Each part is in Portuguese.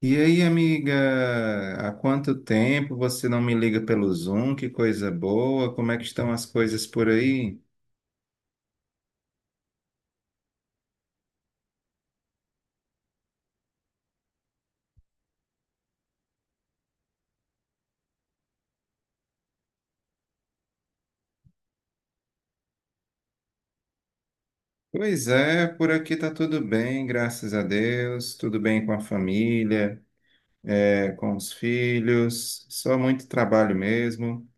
E aí, amiga, há quanto tempo você não me liga pelo Zoom? Que coisa boa! Como é que estão as coisas por aí? Pois é, por aqui tá tudo bem, graças a Deus. Tudo bem com a família, com os filhos. Só muito trabalho mesmo.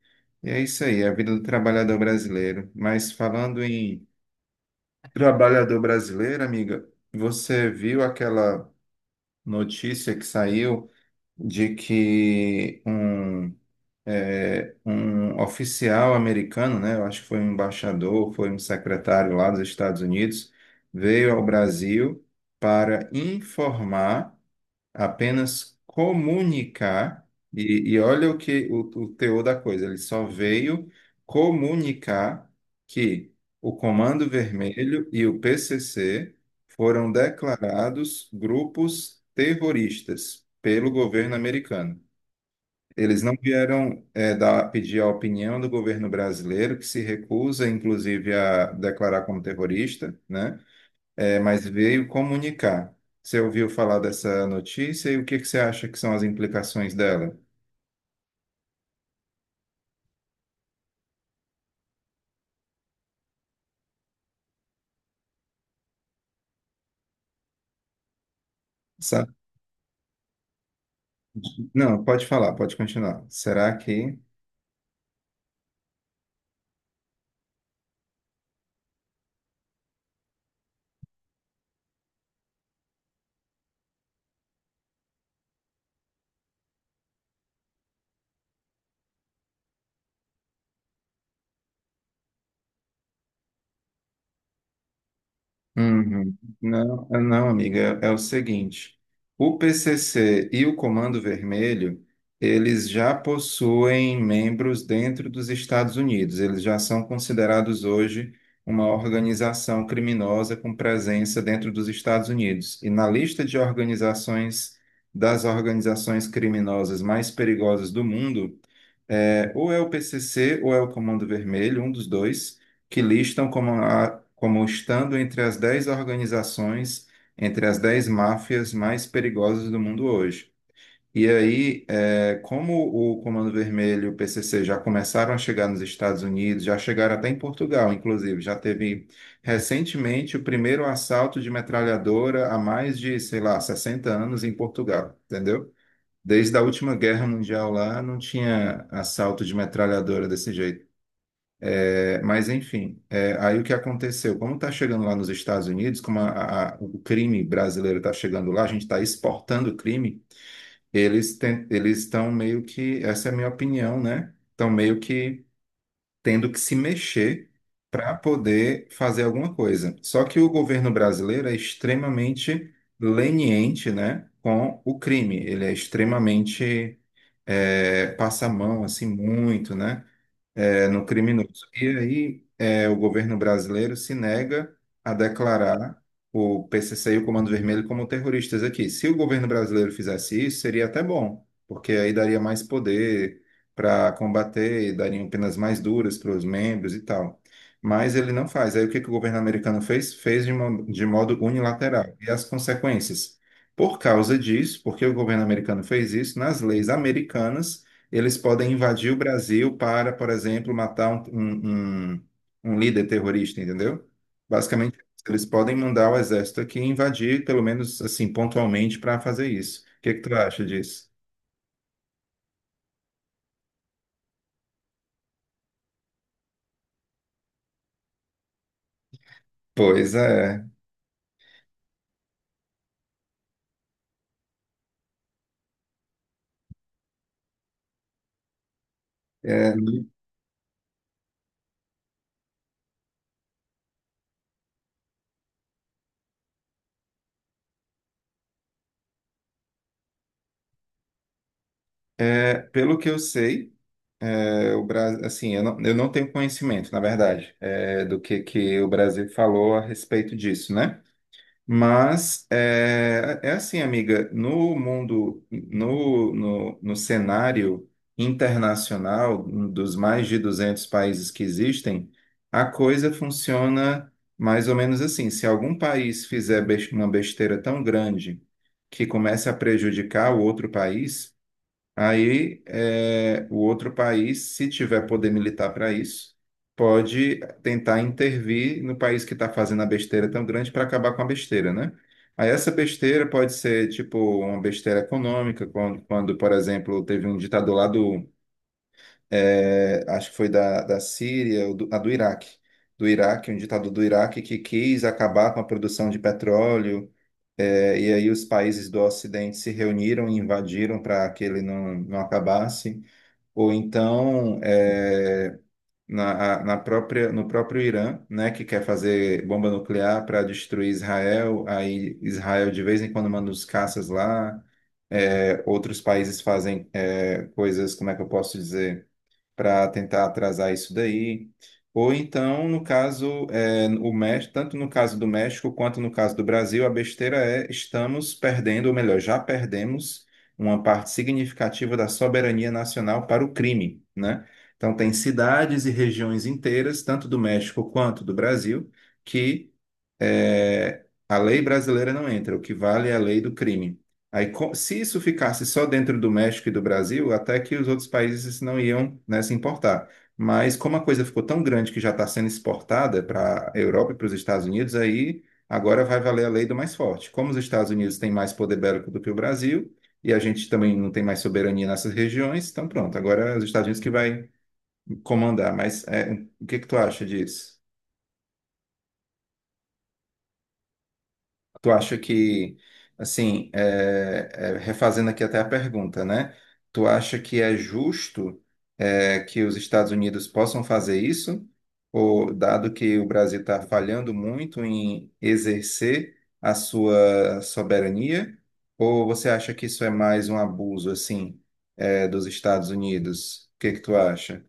E é isso aí, é a vida do trabalhador brasileiro. Mas falando em trabalhador brasileiro, amiga, você viu aquela notícia que saiu de que um um oficial americano, né? Eu acho que foi um embaixador, foi um secretário lá dos Estados Unidos, veio ao Brasil para informar, apenas comunicar, e olha o que o teor da coisa, ele só veio comunicar que o Comando Vermelho e o PCC foram declarados grupos terroristas pelo governo americano. Eles não vieram pedir a opinião do governo brasileiro, que se recusa, inclusive, a declarar como terrorista, né? Mas veio comunicar. Você ouviu falar dessa notícia e o que que você acha que são as implicações dela? Sabe? Não, pode falar, pode continuar. Será que. Uhum. Não, não, amiga, é o seguinte, o PCC e o Comando Vermelho, eles já possuem membros dentro dos Estados Unidos, eles já são considerados hoje uma organização criminosa com presença dentro dos Estados Unidos. E na lista de organizações, das organizações criminosas mais perigosas do mundo, é, ou é o PCC ou é o Comando Vermelho, um dos dois, que listam como, como estando entre as 10 organizações, entre as 10 máfias mais perigosas do mundo hoje. E aí, é, como o Comando Vermelho e o PCC já começaram a chegar nos Estados Unidos, já chegaram até em Portugal, inclusive, já teve recentemente o primeiro assalto de metralhadora há mais de, sei lá, 60 anos em Portugal, entendeu? Desde a última guerra mundial lá, não tinha assalto de metralhadora desse jeito. É, mas, enfim, é, aí o que aconteceu? Como está chegando lá nos Estados Unidos, como o crime brasileiro está chegando lá, a gente está exportando crime, eles estão meio que, essa é a minha opinião, né? Estão meio que tendo que se mexer para poder fazer alguma coisa. Só que o governo brasileiro é extremamente leniente, né, com o crime. Ele é extremamente passa a mão assim muito, né, no criminoso. E aí o governo brasileiro se nega a declarar o PCC e o Comando Vermelho como terroristas aqui. Se o governo brasileiro fizesse isso, seria até bom, porque aí daria mais poder para combater, dariam penas mais duras para os membros e tal. Mas ele não faz. Aí o que que o governo americano fez? Fez de modo unilateral. E as consequências? Por causa disso, porque o governo americano fez isso, nas leis americanas eles podem invadir o Brasil para, por exemplo, matar um líder terrorista, entendeu? Basicamente, eles podem mandar o exército aqui e invadir, pelo menos assim, pontualmente, para fazer isso. O que que tu acha disso? Pois é. É, Pelo que eu sei, o Brasil, assim, eu não tenho conhecimento, na verdade, do que, o Brasil falou a respeito disso, né? Mas assim, amiga, no mundo, no cenário internacional um dos mais de 200 países que existem, a coisa funciona mais ou menos assim. Se algum país fizer uma besteira tão grande que comece a prejudicar o outro país, aí, é, o outro país, se tiver poder militar para isso, pode tentar intervir no país que está fazendo a besteira tão grande para acabar com a besteira, né? Aí essa besteira pode ser tipo uma besteira econômica, quando, por exemplo, teve um ditador lá do, acho que foi da Síria, ou do Iraque, um ditador do Iraque que quis acabar com a produção de petróleo e aí os países do Ocidente se reuniram e invadiram para que ele não acabasse. Ou então, na, a- na própria, no próprio Irã, né, que quer fazer bomba nuclear para destruir Israel, aí Israel de vez em quando manda os caças lá. Outros países fazem coisas, como é que eu posso dizer? Para tentar atrasar isso daí. Ou então, no caso, é, o México, tanto no caso do México quanto no caso do Brasil, a besteira é estamos perdendo, ou melhor, já perdemos uma parte significativa da soberania nacional para o crime, né? Então, tem cidades e regiões inteiras, tanto do México quanto do Brasil, que é, a lei brasileira não entra, o que vale é a lei do crime. Aí, se isso ficasse só dentro do México e do Brasil, até que os outros países não iam, né, se importar. Mas como a coisa ficou tão grande que já está sendo exportada para a Europa e para os Estados Unidos, aí agora vai valer a lei do mais forte. Como os Estados Unidos têm mais poder bélico do que o Brasil, e a gente também não tem mais soberania nessas regiões, então pronto, agora é os Estados Unidos que vai comandar. Mas é, o que que tu acha disso? Tu acha que, assim, refazendo aqui até a pergunta, né? Tu acha que é justo, é, que os Estados Unidos possam fazer isso, ou dado que o Brasil está falhando muito em exercer a sua soberania, ou você acha que isso é mais um abuso, assim, dos Estados Unidos? O que que tu acha?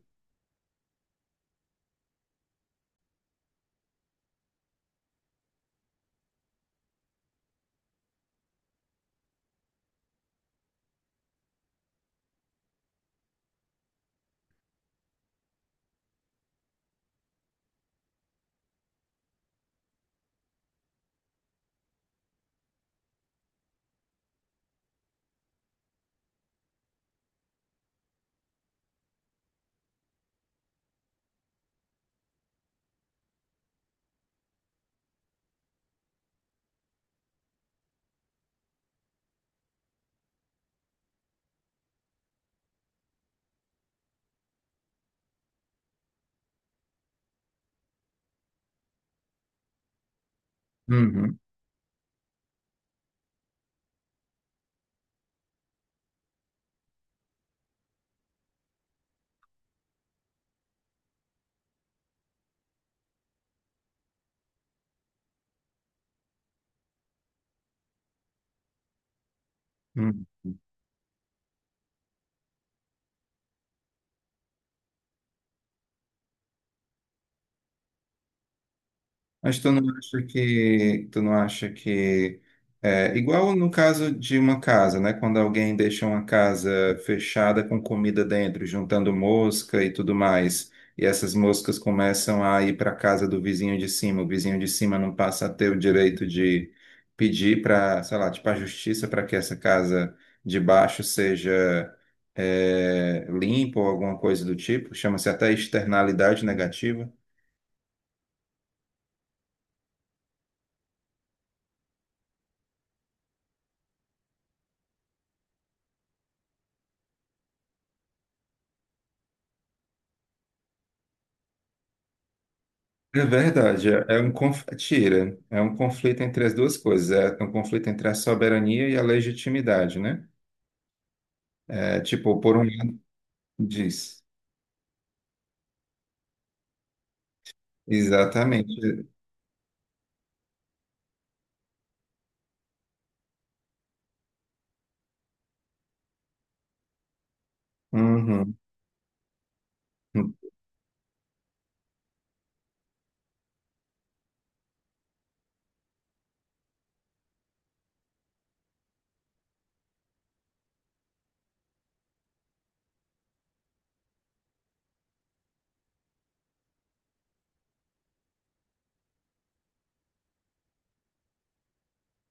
Uhum, uhum. Mas tu não acha que igual no caso de uma casa, né? Quando alguém deixa uma casa fechada com comida dentro, juntando mosca e tudo mais, e essas moscas começam a ir para a casa do vizinho de cima, o vizinho de cima não passa a ter o direito de pedir para, sei lá, tipo a justiça para que essa casa de baixo seja limpa ou alguma coisa do tipo, chama-se até externalidade negativa. É verdade, é é um conf... é tira, é um conflito entre as duas coisas, é um conflito entre a soberania e a legitimidade, né? É tipo, por um lado diz, exatamente, uhum.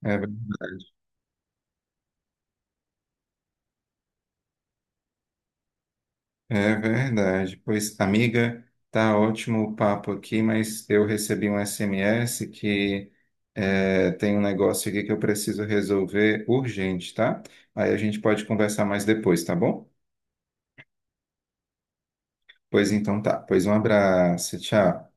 É verdade, é verdade. Pois, amiga, tá ótimo o papo aqui, mas eu recebi um SMS que é, tem um negócio aqui que eu preciso resolver urgente, tá? Aí a gente pode conversar mais depois, tá bom? Pois então tá, pois um abraço, tchau.